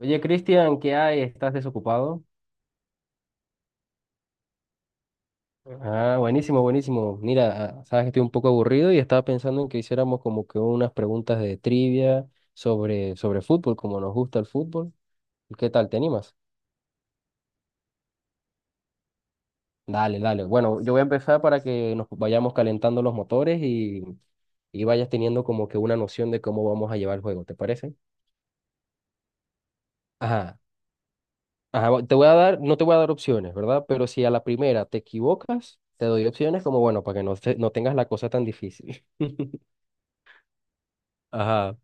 Oye, Cristian, ¿qué hay? ¿Estás desocupado? Ah, buenísimo, buenísimo. Mira, sabes que estoy un poco aburrido y estaba pensando en que hiciéramos como que unas preguntas de trivia sobre fútbol, como nos gusta el fútbol. ¿Qué tal? ¿Te animas? Dale, dale. Bueno, yo voy a empezar para que nos vayamos calentando los motores y vayas teniendo como que una noción de cómo vamos a llevar el juego, ¿te parece? Ajá, ajá, bueno, te voy a dar, no te voy a dar opciones, ¿verdad? Pero si a la primera te equivocas, te doy opciones como, bueno, para que no, no tengas la cosa tan difícil. Ajá.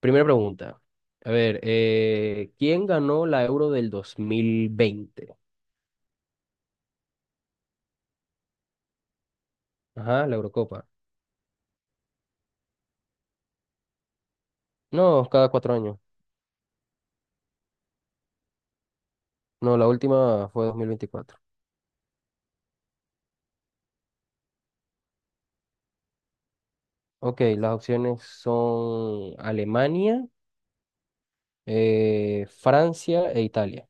Primera pregunta. A ver, ¿quién ganó la Euro del 2020? Ajá, la Eurocopa. No, cada 4 años. No, la última fue 2024. Ok, las opciones son Alemania, Francia e Italia.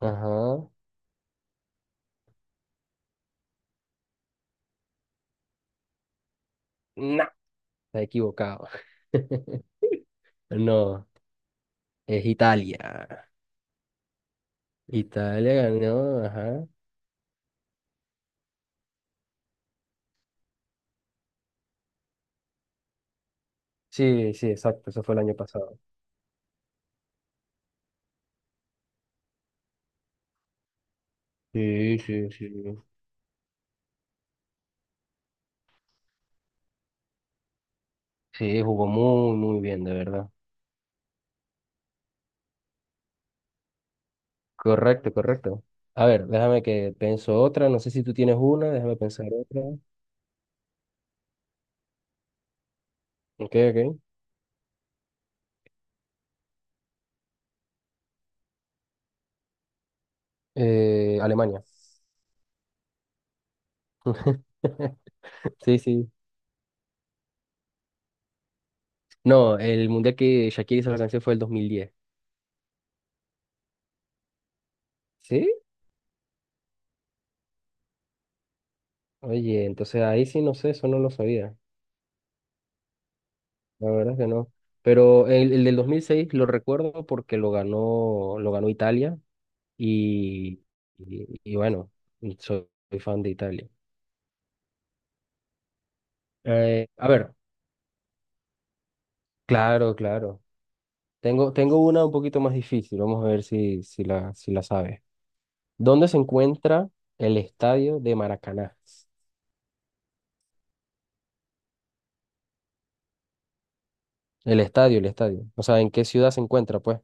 Ajá. No, está equivocado. No, es Italia. Italia ganó, ajá. Sí, sí, exacto, eso fue el año pasado. Sí, sí, sí. Sí, jugó muy, muy bien, de verdad. Correcto, correcto. A ver, déjame que pienso otra. No sé si tú tienes una, déjame pensar otra. Ok, ok. Alemania. Sí, sí. No, el mundial que Shakira hizo la canción fue el 2010. ¿Sí? Oye, entonces ahí sí no sé, eso no lo sabía. La verdad es que no. Pero el del 2006 lo recuerdo porque lo ganó Italia y, y bueno, soy, soy fan de Italia. A ver, claro, claro. Tengo, tengo una un poquito más difícil, vamos a ver si la sabes. ¿Dónde se encuentra el estadio de Maracaná? El estadio, el estadio. O sea, ¿en qué ciudad se encuentra, pues?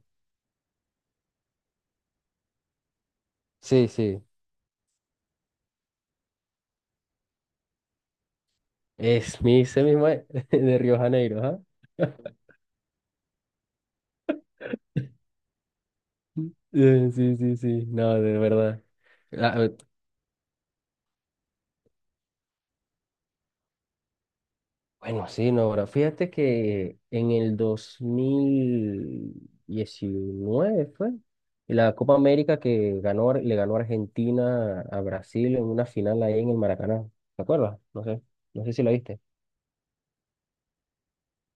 Sí, sí. Ese mismo es, de Río Janeiro, ¿ah? Sí, sí, sí. No, de verdad. Ah, bueno, sí, no, ahora fíjate que en el 2019 fue la Copa América le ganó Argentina a Brasil en una final ahí en el Maracaná. ¿Te acuerdas? No sé, no sé si la viste.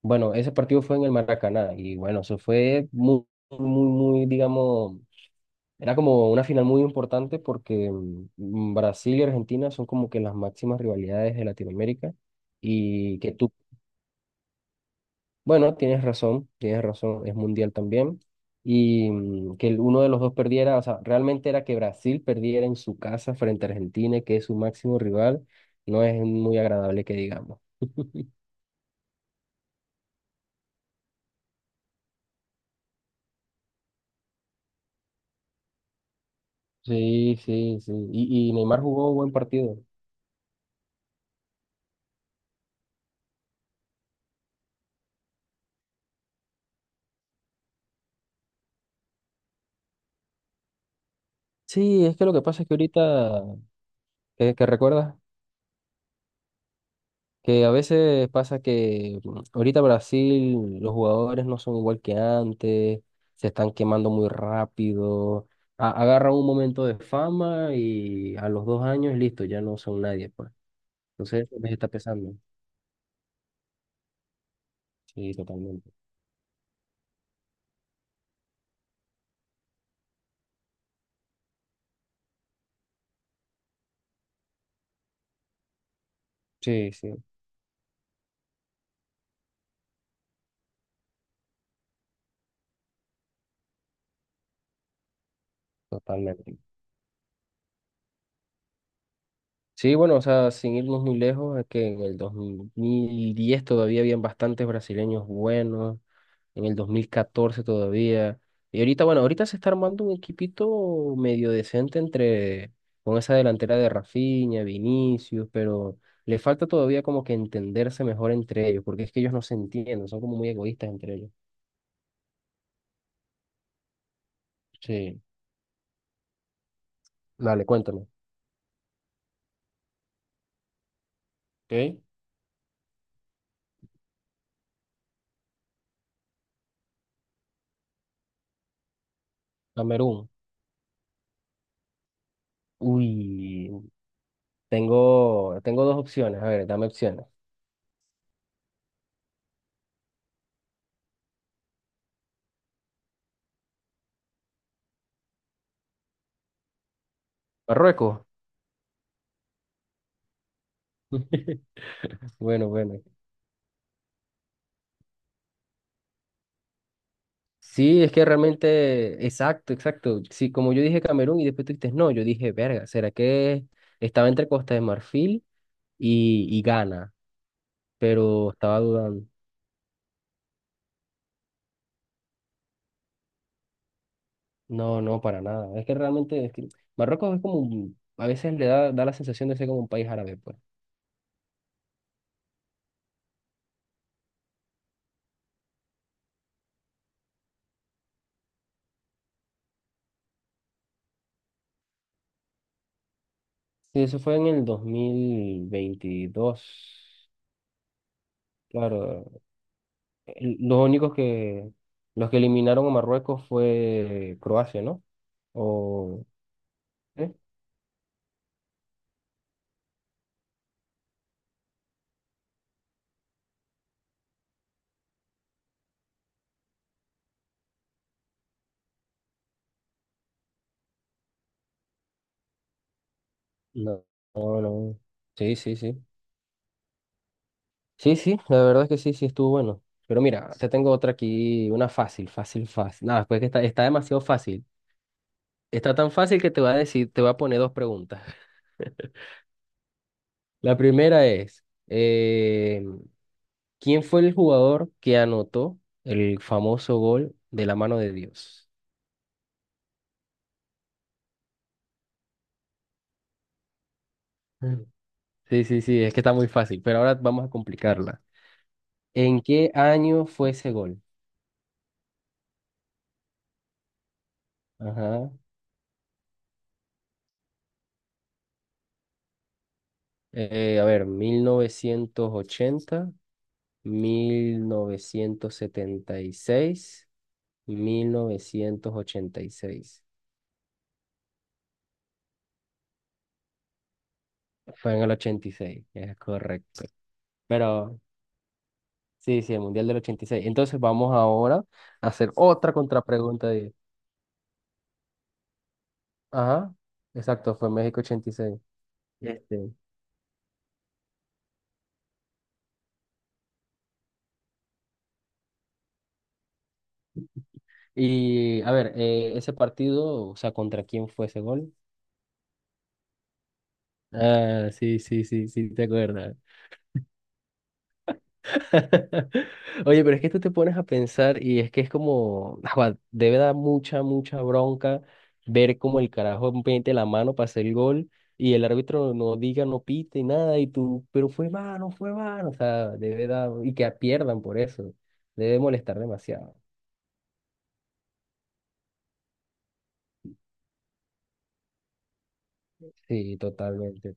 Bueno, ese partido fue en el Maracaná y bueno, eso fue muy, muy, muy, digamos, era como una final muy importante porque Brasil y Argentina son como que las máximas rivalidades de Latinoamérica. Y que tú Bueno, tienes razón, es mundial también. Y que uno de los dos perdiera, o sea, realmente era que Brasil perdiera en su casa frente a Argentina, que es su máximo rival, no es muy agradable que digamos. Sí, sí, sí. Y Neymar jugó un buen partido. Sí, es que lo que pasa es que ahorita, ¿qué recuerdas? Que a veces pasa que ahorita Brasil, los jugadores no son igual que antes, se están quemando muy rápido, agarran un momento de fama y a los 2 años, listo, ya no son nadie, pues. Entonces, eso les está pesando. Sí, totalmente. Sí, sí, totalmente. Sí, bueno, o sea, sin irnos muy lejos, es que en el 2010 todavía habían bastantes brasileños buenos. En el 2014 todavía. Y ahorita, bueno, ahorita se está armando un equipito medio decente entre, con esa delantera de Rafinha, Vinicius, pero le falta todavía como que entenderse mejor entre ellos, porque es que ellos no se entienden, son como muy egoístas entre ellos. Sí. Dale, cuéntame. ¿Ok? Camerún. Uy, tengo, tengo dos opciones. A ver, dame opciones. Marruecos. Bueno, bueno. Sí, es que realmente, exacto, exacto. Sí, como yo dije Camerún y después tú dijiste no, yo dije, verga, ¿será que estaba entre Costa de Marfil y Ghana? Pero estaba dudando. No, no, para nada. Es que realmente, es que Marruecos es como, a veces da la sensación de ser como un país árabe, pues. Sí, eso fue en el 2022. Claro, el- los únicos que, los que eliminaron a Marruecos fue Croacia, ¿no? O... ¿Sí? No, no, no. Sí, sí, sí. Sí, sí, la verdad es que sí, sí estuvo bueno. Pero mira, te tengo otra aquí, una fácil, fácil, fácil. Nada, pues que está, está demasiado fácil. Está tan fácil que te voy a poner dos preguntas. La primera es, ¿quién fue el jugador que anotó el famoso gol de la mano de Dios? Mm. Sí, sí, sí, es que está muy fácil, pero ahora vamos a complicarla. ¿En qué año fue ese gol? Ajá. A ver, 1980, mil mil novecientos setenta y seis, 1986. Fue en el 86, es correcto. Pero sí, sí, el Mundial del 86. Entonces vamos ahora a hacer otra contrapregunta. Ajá, exacto, fue México 86. Este. Y a ver, ese partido, o sea, ¿contra quién fue ese gol? Ah, sí, sí, sí, sí, te acuerdas. Oye, pero es que tú te pones a pensar y es que es como, ajua, debe dar mucha, mucha bronca ver como el carajo mete la mano para hacer el gol y el árbitro no diga, no pite, nada, y tú, pero fue mano, o sea, debe dar, y que pierdan por eso, debe molestar demasiado. Sí, totalmente.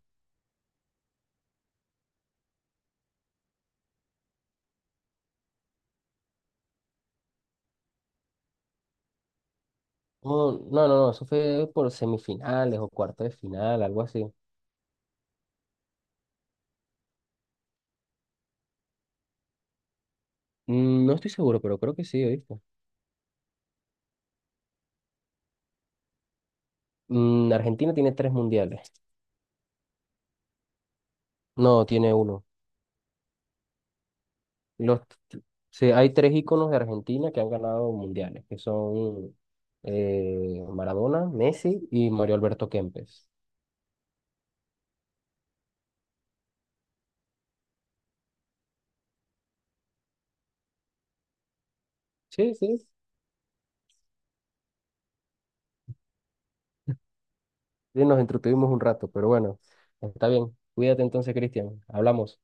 No, no, no, no, eso fue por semifinales o cuartos de final, algo así. No estoy seguro, pero creo que sí, ¿oíste? Argentina tiene tres mundiales. No, tiene uno. Los, sí, hay tres íconos de Argentina que han ganado mundiales, que son Maradona, Messi y Mario Alberto Kempes. Sí, sí, sí, nos entretuvimos un rato, pero bueno, está bien. Cuídate entonces, Cristian. Hablamos.